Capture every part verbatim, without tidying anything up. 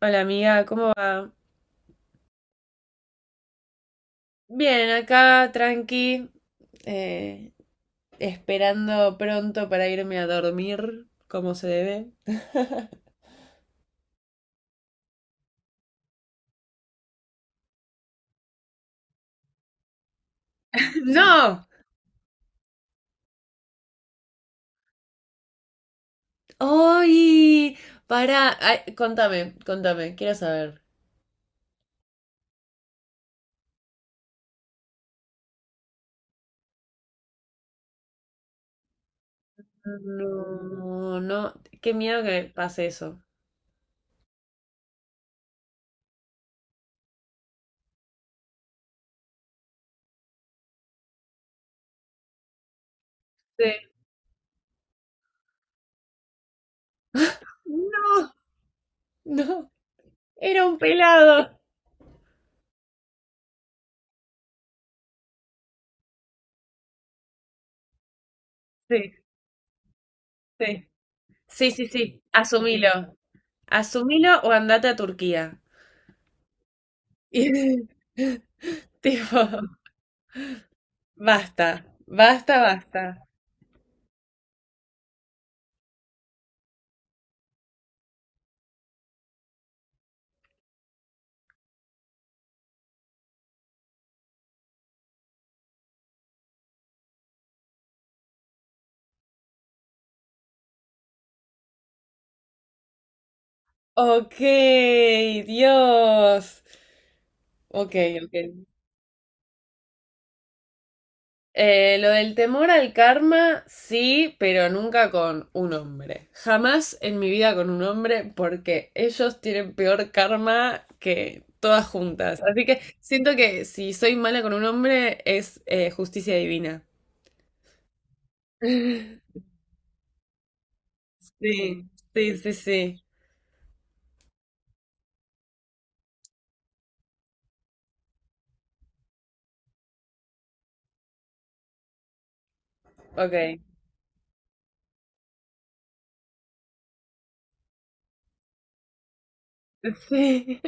Hola amiga, ¿cómo va? Bien, acá tranqui, eh, esperando pronto para irme a dormir, como se debe. No, ¡ay! Para, contame, contame, quiero saber. No, no, qué miedo que pase eso. Sí, no, no, era un pelado. Sí, sí, sí, sí, sí, asumilo. Asumilo o andate a Turquía. Y- tipo. Basta, basta, basta. Ok, Dios. Ok, ok. Eh, lo del temor al karma, sí, pero nunca con un hombre. Jamás en mi vida con un hombre porque ellos tienen peor karma que todas juntas. Así que siento que si soy mala con un hombre es eh, justicia divina. Sí, sí, sí, sí. Ok. Sí.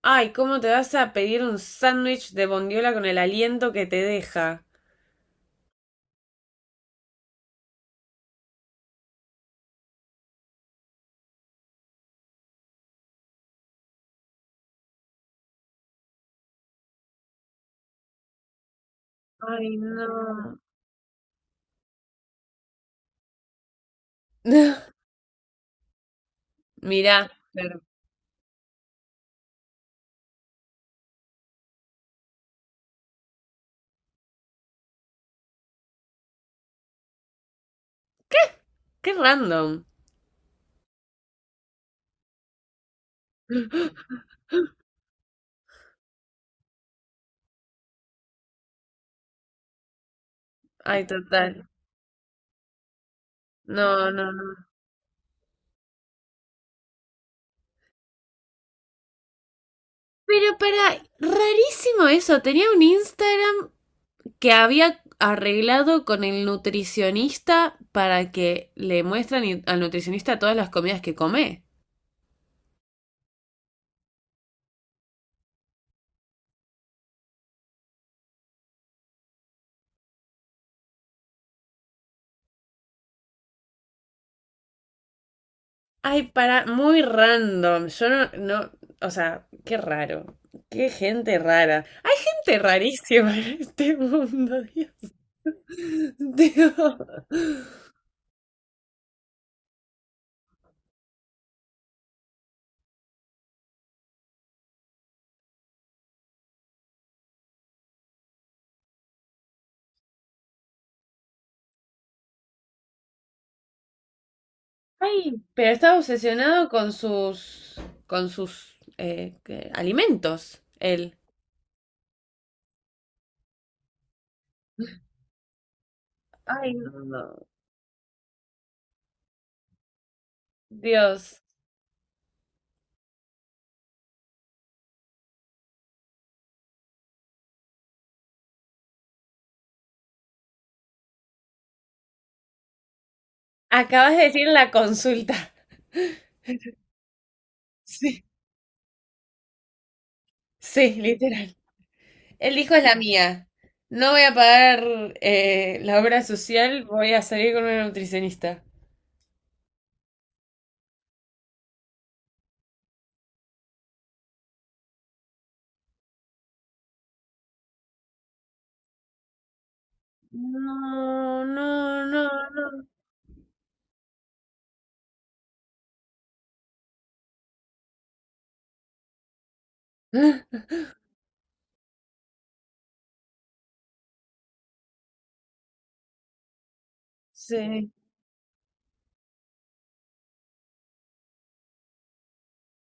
Ay, ¿cómo te vas a pedir un sándwich de bondiola con el aliento que te deja? Ay, no. Mirá, pero qué random. Ay, total. No, no, no. Pero para, rarísimo eso. Tenía un Instagram que había arreglado con el nutricionista para que le muestran y- al nutricionista todas las comidas que come. Ay, para, muy random. Yo no, no, o sea, qué raro. Qué gente rara. Hay gente rarísima en este mundo, Dios. Digo, ay, pero está obsesionado con sus, con sus eh, ¿qué? Alimentos, él. Ay, no, no. Dios. Acabas de decir la consulta. Sí, sí, literal. El hijo es la mía. No voy a pagar eh, la obra social, voy a salir con una nutricionista. No, no, no, no. Sí.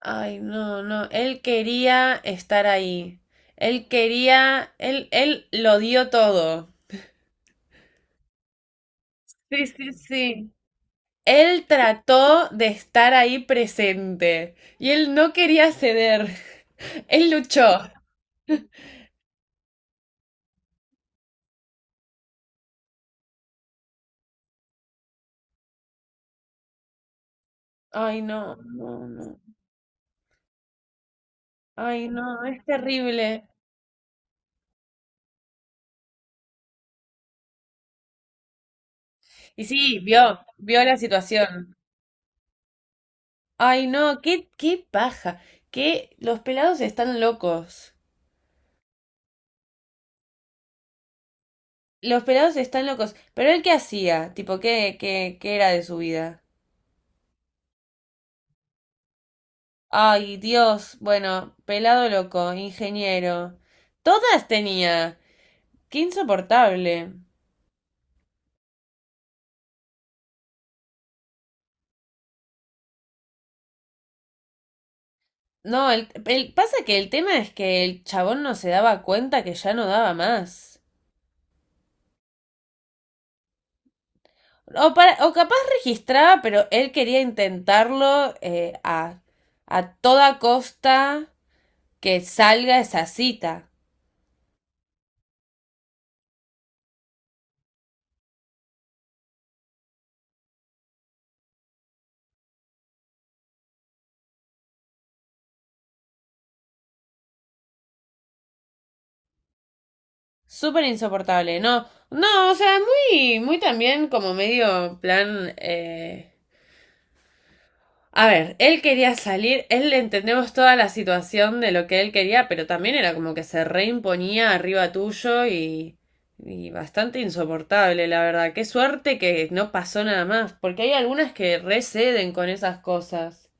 Ay, no, no. Él quería estar ahí. Él quería, él, él lo dio todo. Sí, sí, sí. Él trató de estar ahí presente y él no quería ceder. Él luchó. Ay, no, no, no. Ay, no, es terrible. Y sí, vio, vio la situación. Ay, no, qué, qué paja. Que los pelados están locos. Los pelados están locos. Pero él qué hacía, tipo, qué, qué, qué era de su vida. Ay, Dios, bueno, pelado loco, ingeniero. Todas tenía. Qué insoportable. No, el, el- pasa que el tema es que el chabón no se daba cuenta que ya no daba más. O, para- o capaz registraba, pero él quería intentarlo eh, a, a toda costa que salga esa cita. Súper insoportable, ¿no? No, o sea, muy, muy también como medio plan eh, a ver, él quería salir, él entendemos toda la situación de lo que él quería, pero también era como que se reimponía arriba tuyo y, y bastante insoportable, la verdad. Qué suerte que no pasó nada más, porque hay algunas que receden con esas cosas.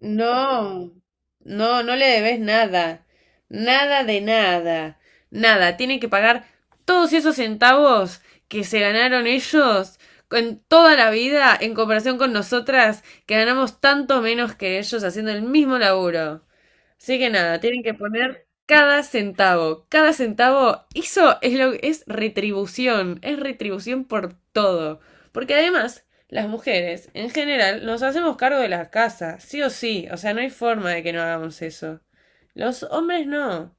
No, no, no le debes nada, nada de nada, nada. Tienen que pagar todos esos centavos que se ganaron ellos en toda la vida en comparación con nosotras que ganamos tanto menos que ellos haciendo el mismo laburo. Así que nada, tienen que poner cada centavo. Cada centavo, eso es lo es retribución, es retribución por todo. Porque además, las mujeres, en general, nos hacemos cargo de la casa, sí o sí. O sea, no hay forma de que no hagamos eso. Los hombres no.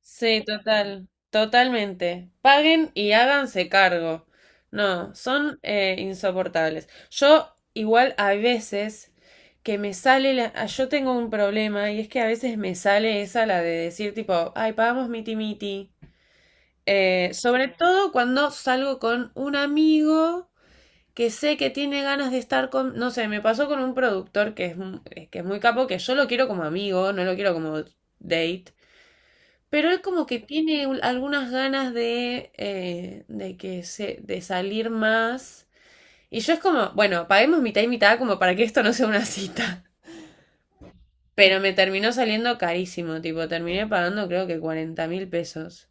Sí, total, totalmente. Paguen y háganse cargo. No, son eh, insoportables. Yo igual a veces que me sale la... Ah, yo tengo un problema y es que a veces me sale esa la de decir tipo, ay, pagamos miti miti. Eh, sobre todo cuando salgo con un amigo que sé que tiene ganas de estar con, no sé, me pasó con un productor que es, mu- eh, que es muy capo, que yo lo quiero como amigo, no lo quiero como date. Pero él como que tiene un- algunas ganas de, eh, de que se, de salir más. Y yo es como, bueno, paguemos mitad y mitad como para que esto no sea una cita. Pero me terminó saliendo carísimo, tipo, terminé pagando creo que cuarenta mil pesos.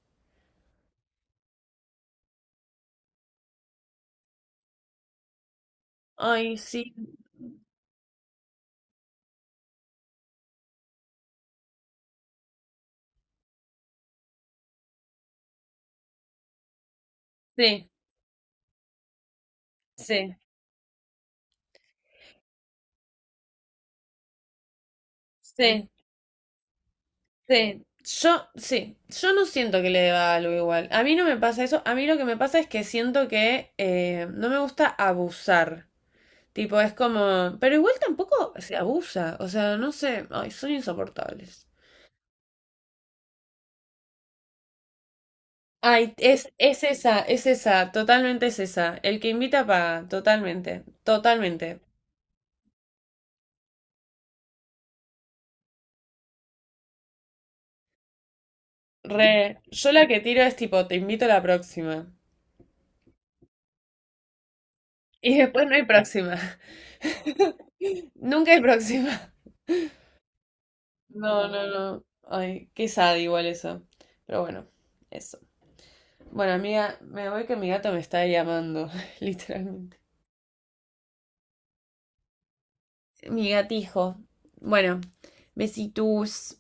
Ay, sí, sí, sí, sí, sí. Yo, sí, yo no siento que le deba algo igual. A mí no me pasa eso. A mí lo que me pasa es que siento que eh, no me gusta abusar. Tipo, es como, pero igual tampoco se abusa, o sea, no sé, ay, son insoportables. Ay, es, es esa, es esa, totalmente es esa. El que invita paga, totalmente, totalmente. Re, yo la que tiro es tipo, te invito a la próxima. Y después no hay próxima. Nunca hay próxima. No, no, no. Ay, qué sad igual eso. Pero bueno, eso. Bueno, amiga, me voy que mi gato me está llamando, literalmente. Mi gatijo. Bueno, besitos.